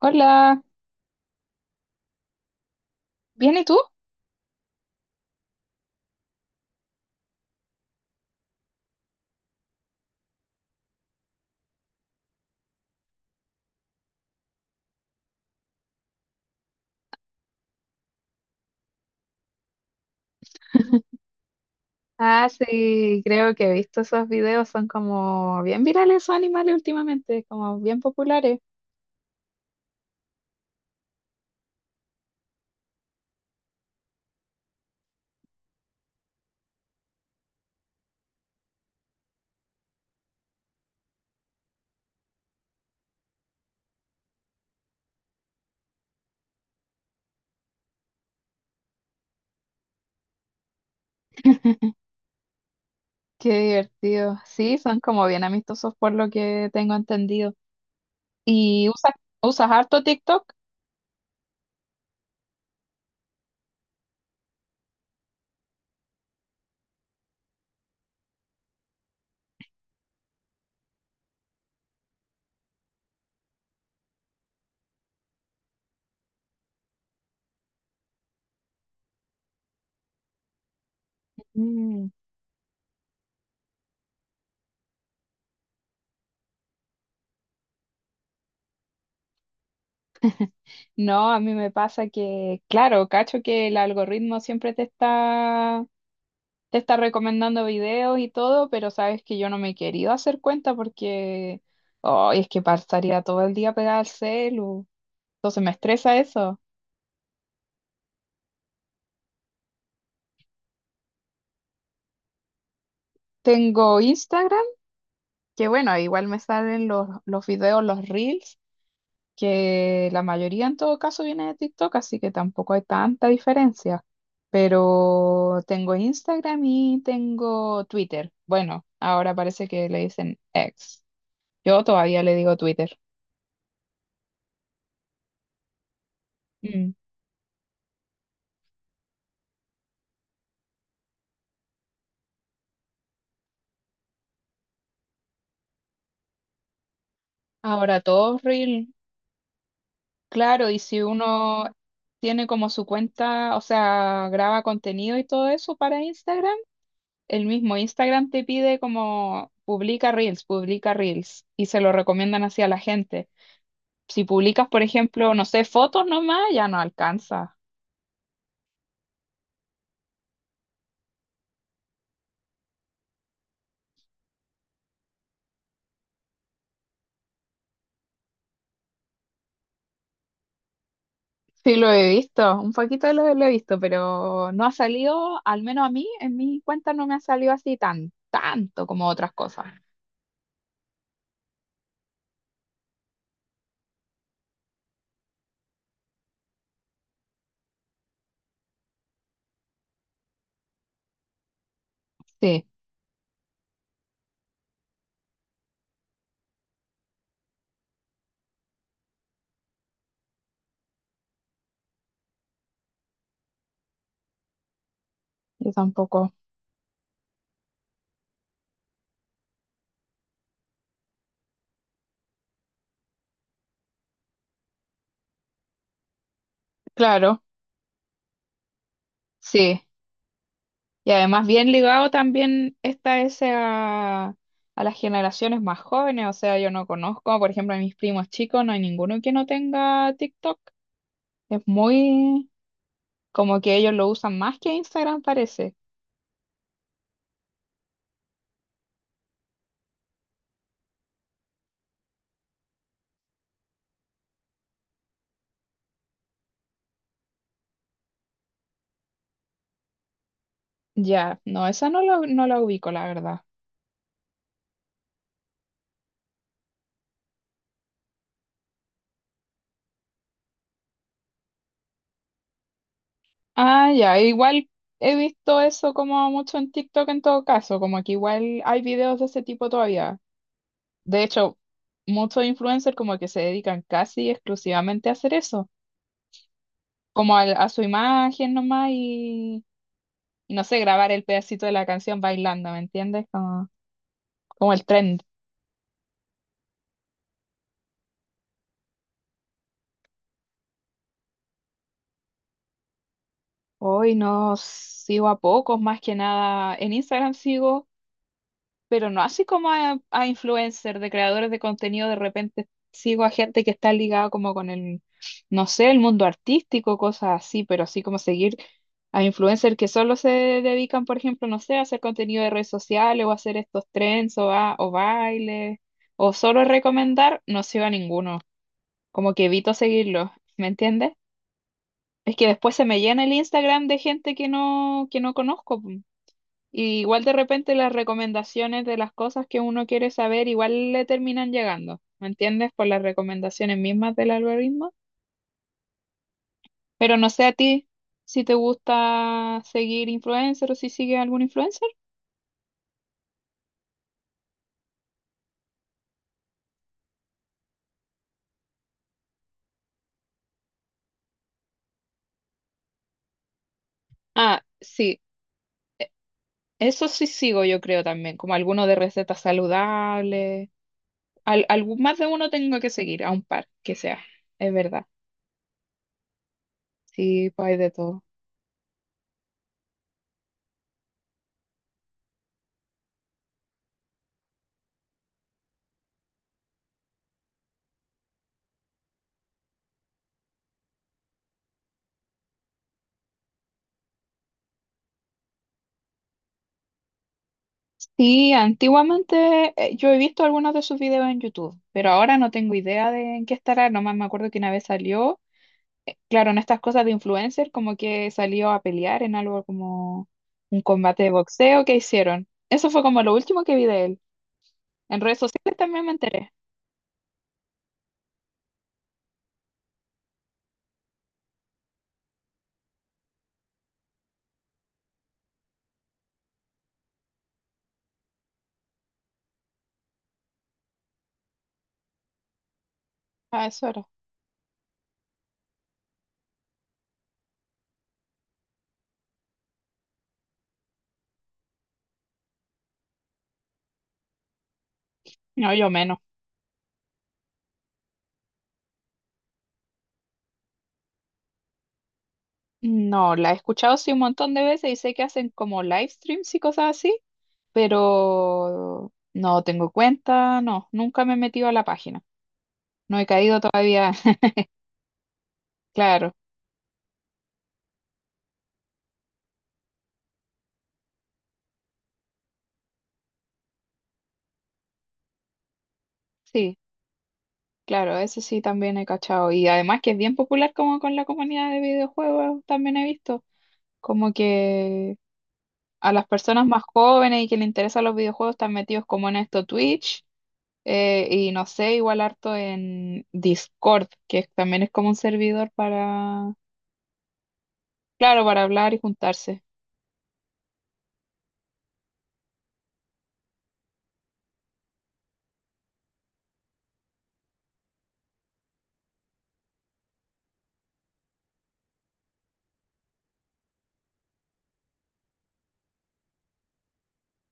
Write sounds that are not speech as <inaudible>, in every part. Hola, ¿bien y tú? Ah, sí, creo que he visto esos videos, son como bien virales esos animales últimamente, como bien populares. <laughs> Qué divertido. Sí, son como bien amistosos por lo que tengo entendido. ¿Y usas harto TikTok? Mm. No, a mí me pasa que, claro, cacho que el algoritmo siempre te está recomendando videos y todo, pero sabes que yo no me he querido hacer cuenta porque, oh, es que pasaría todo el día pegada al celu. Entonces me estresa eso. Tengo Instagram, que bueno, igual me salen los videos, los reels, que la mayoría en todo caso viene de TikTok, así que tampoco hay tanta diferencia. Pero tengo Instagram y tengo Twitter. Bueno, ahora parece que le dicen X. Yo todavía le digo Twitter. Mm. Ahora todos reel. Claro, y si uno tiene como su cuenta, o sea, graba contenido y todo eso para Instagram. El mismo Instagram te pide como publica reels y se lo recomiendan así a la gente. Si publicas, por ejemplo, no sé, fotos nomás, ya no alcanza. Sí, lo he visto, un poquito de lo he visto, pero no ha salido, al menos a mí, en mi cuenta no me ha salido así tan, tanto como otras cosas. Sí, yo tampoco. Claro, sí. Y además bien ligado también está ese a las generaciones más jóvenes, o sea, yo no conozco, por ejemplo, a mis primos chicos, no hay ninguno que no tenga TikTok. Es muy como que ellos lo usan más que Instagram, parece. Ya, no, esa no la ubico, la verdad. Ah, ya, igual he visto eso como mucho en TikTok en todo caso, como que igual hay videos de ese tipo todavía. De hecho, muchos influencers como que se dedican casi exclusivamente a hacer eso como su imagen nomás y no sé, grabar el pedacito de la canción bailando, ¿me entiendes? Como, como el trend. Hoy no sigo a pocos, más que nada. En Instagram sigo, pero no así como a influencers, de creadores de contenido, de repente sigo a gente que está ligada como con el, no sé, el mundo artístico, cosas así, pero así como seguir a influencers que solo se dedican, por ejemplo, no sé, a hacer contenido de redes sociales o a hacer estos trends o, a, o bailes, o solo recomendar, no sigo a ninguno, como que evito seguirlos, ¿me entiendes? Es que después se me llena el Instagram de gente que no conozco. Y igual de repente las recomendaciones de las cosas que uno quiere saber igual le terminan llegando, ¿me entiendes? Por las recomendaciones mismas del algoritmo. Pero no sé a ti si te gusta seguir influencer o si sigues algún influencer. Ah, sí, eso sí sigo yo creo también, como alguno de recetas saludables. Al, algún, más de uno tengo que seguir, a un par que sea, es verdad. Sí, pues hay de todo. Sí, antiguamente yo he visto algunos de sus videos en YouTube, pero ahora no tengo idea de en qué estará. Nomás me acuerdo que una vez salió, claro, en estas cosas de influencer, como que salió a pelear en algo como un combate de boxeo que hicieron. Eso fue como lo último que vi de él. En redes sociales también me enteré. Ah, eso era. No, yo menos. No, la he escuchado sí un montón de veces y sé que hacen como live streams y cosas así, pero no tengo cuenta, no, nunca me he metido a la página. No he caído todavía. Claro, sí, claro, eso sí también he cachado. Y además que es bien popular como con la comunidad de videojuegos, también he visto como que a las personas más jóvenes y que les interesan los videojuegos están metidos como en esto Twitch, y no sé, igual harto en Discord, que también es como un servidor para, claro, para hablar y juntarse.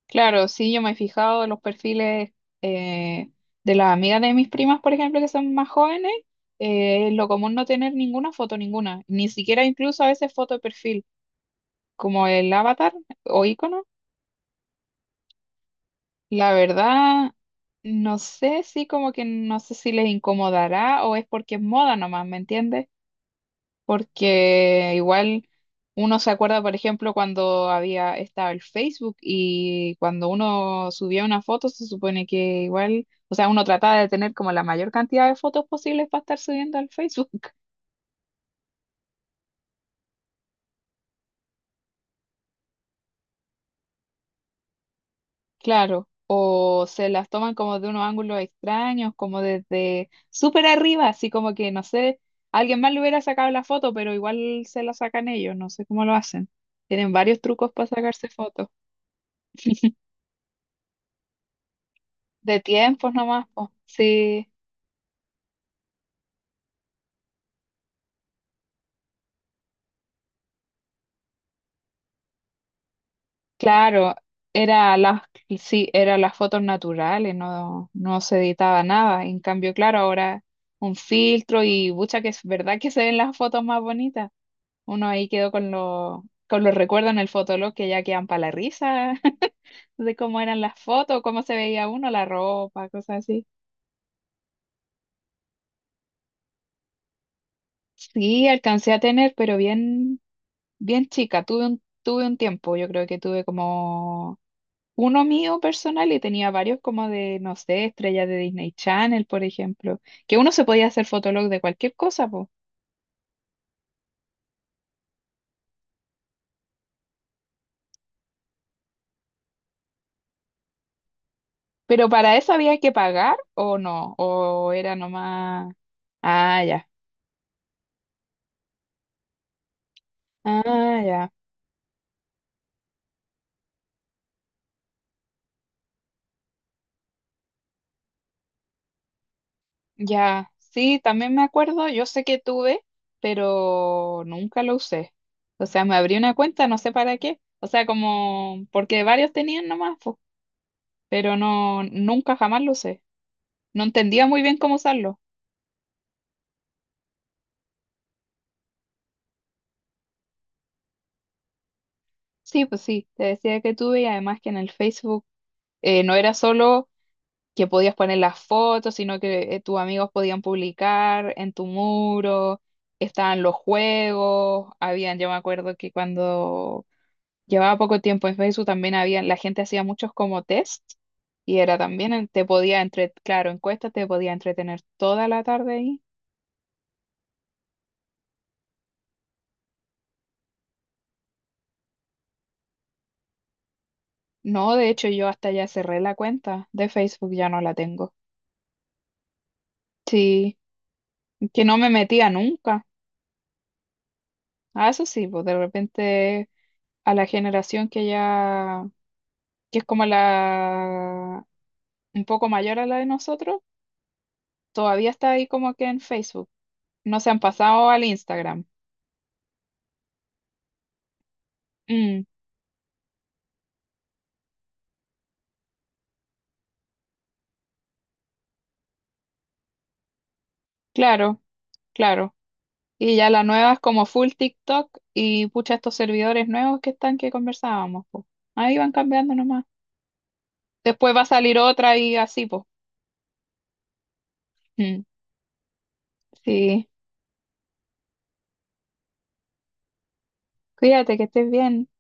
Claro, sí, yo me he fijado en los perfiles eh, de las amigas de mis primas, por ejemplo, que son más jóvenes, es lo común no tener ninguna foto, ninguna, ni siquiera incluso a veces foto de perfil, como el avatar o icono. La verdad, no sé si como que no sé si les incomodará o es porque es moda nomás, ¿me entiendes? Porque igual uno se acuerda, por ejemplo, cuando había estaba el Facebook y cuando uno subía una foto, se supone que igual, o sea, uno trataba de tener como la mayor cantidad de fotos posibles para estar subiendo al Facebook, <laughs> claro. O se las toman como de unos ángulos extraños, como desde súper arriba, así como que, no sé, alguien más le hubiera sacado la foto, pero igual se la sacan ellos, no sé cómo lo hacen. Tienen varios trucos para sacarse fotos. De tiempos nomás, po. Sí. Claro, era las, sí, eran las fotos naturales, no, no se editaba nada. En cambio, claro, ahora un filtro y mucha que es verdad que se ven las fotos más bonitas. Uno ahí quedó con con los recuerdos en el fotolog que ya quedan para la risa <laughs> de cómo eran las fotos, cómo se veía uno, la ropa, cosas así. Sí, alcancé a tener, pero bien chica. Tuve un tiempo, yo creo que tuve como uno mío personal y tenía varios como de, no sé, estrellas de Disney Channel, por ejemplo, que uno se podía hacer fotolog de cualquier cosa, po. Pero para eso había que pagar o no, o era nomás... Ah, ya, ah, ya, ya. Sí, también me acuerdo, yo sé que tuve, pero nunca lo usé. O sea, me abrí una cuenta, no sé para qué. O sea, como, porque varios tenían nomás, po, pero no, nunca jamás lo usé. No entendía muy bien cómo usarlo. Sí, pues sí, te decía que tuve y además que en el Facebook no era solo que podías poner las fotos, sino que tus amigos podían publicar en tu muro, estaban los juegos, habían, yo me acuerdo que cuando llevaba poco tiempo en Facebook también había, la gente hacía muchos como test y era también, te podía entre, claro, encuestas, te podía entretener toda la tarde ahí. No, de hecho yo hasta ya cerré la cuenta de Facebook, ya no la tengo. Sí, que no me metía nunca. Ah, eso sí, pues de repente a la generación que ya, que es como la un poco mayor a la de nosotros, todavía está ahí como que en Facebook. No se han pasado al Instagram. Mm, claro, claro. Y ya la nueva es como full TikTok y pucha estos servidores nuevos que están que conversábamos, pues. Ahí van cambiando nomás. Después va a salir otra y así, pues. Mm, sí. Cuídate, que estés bien.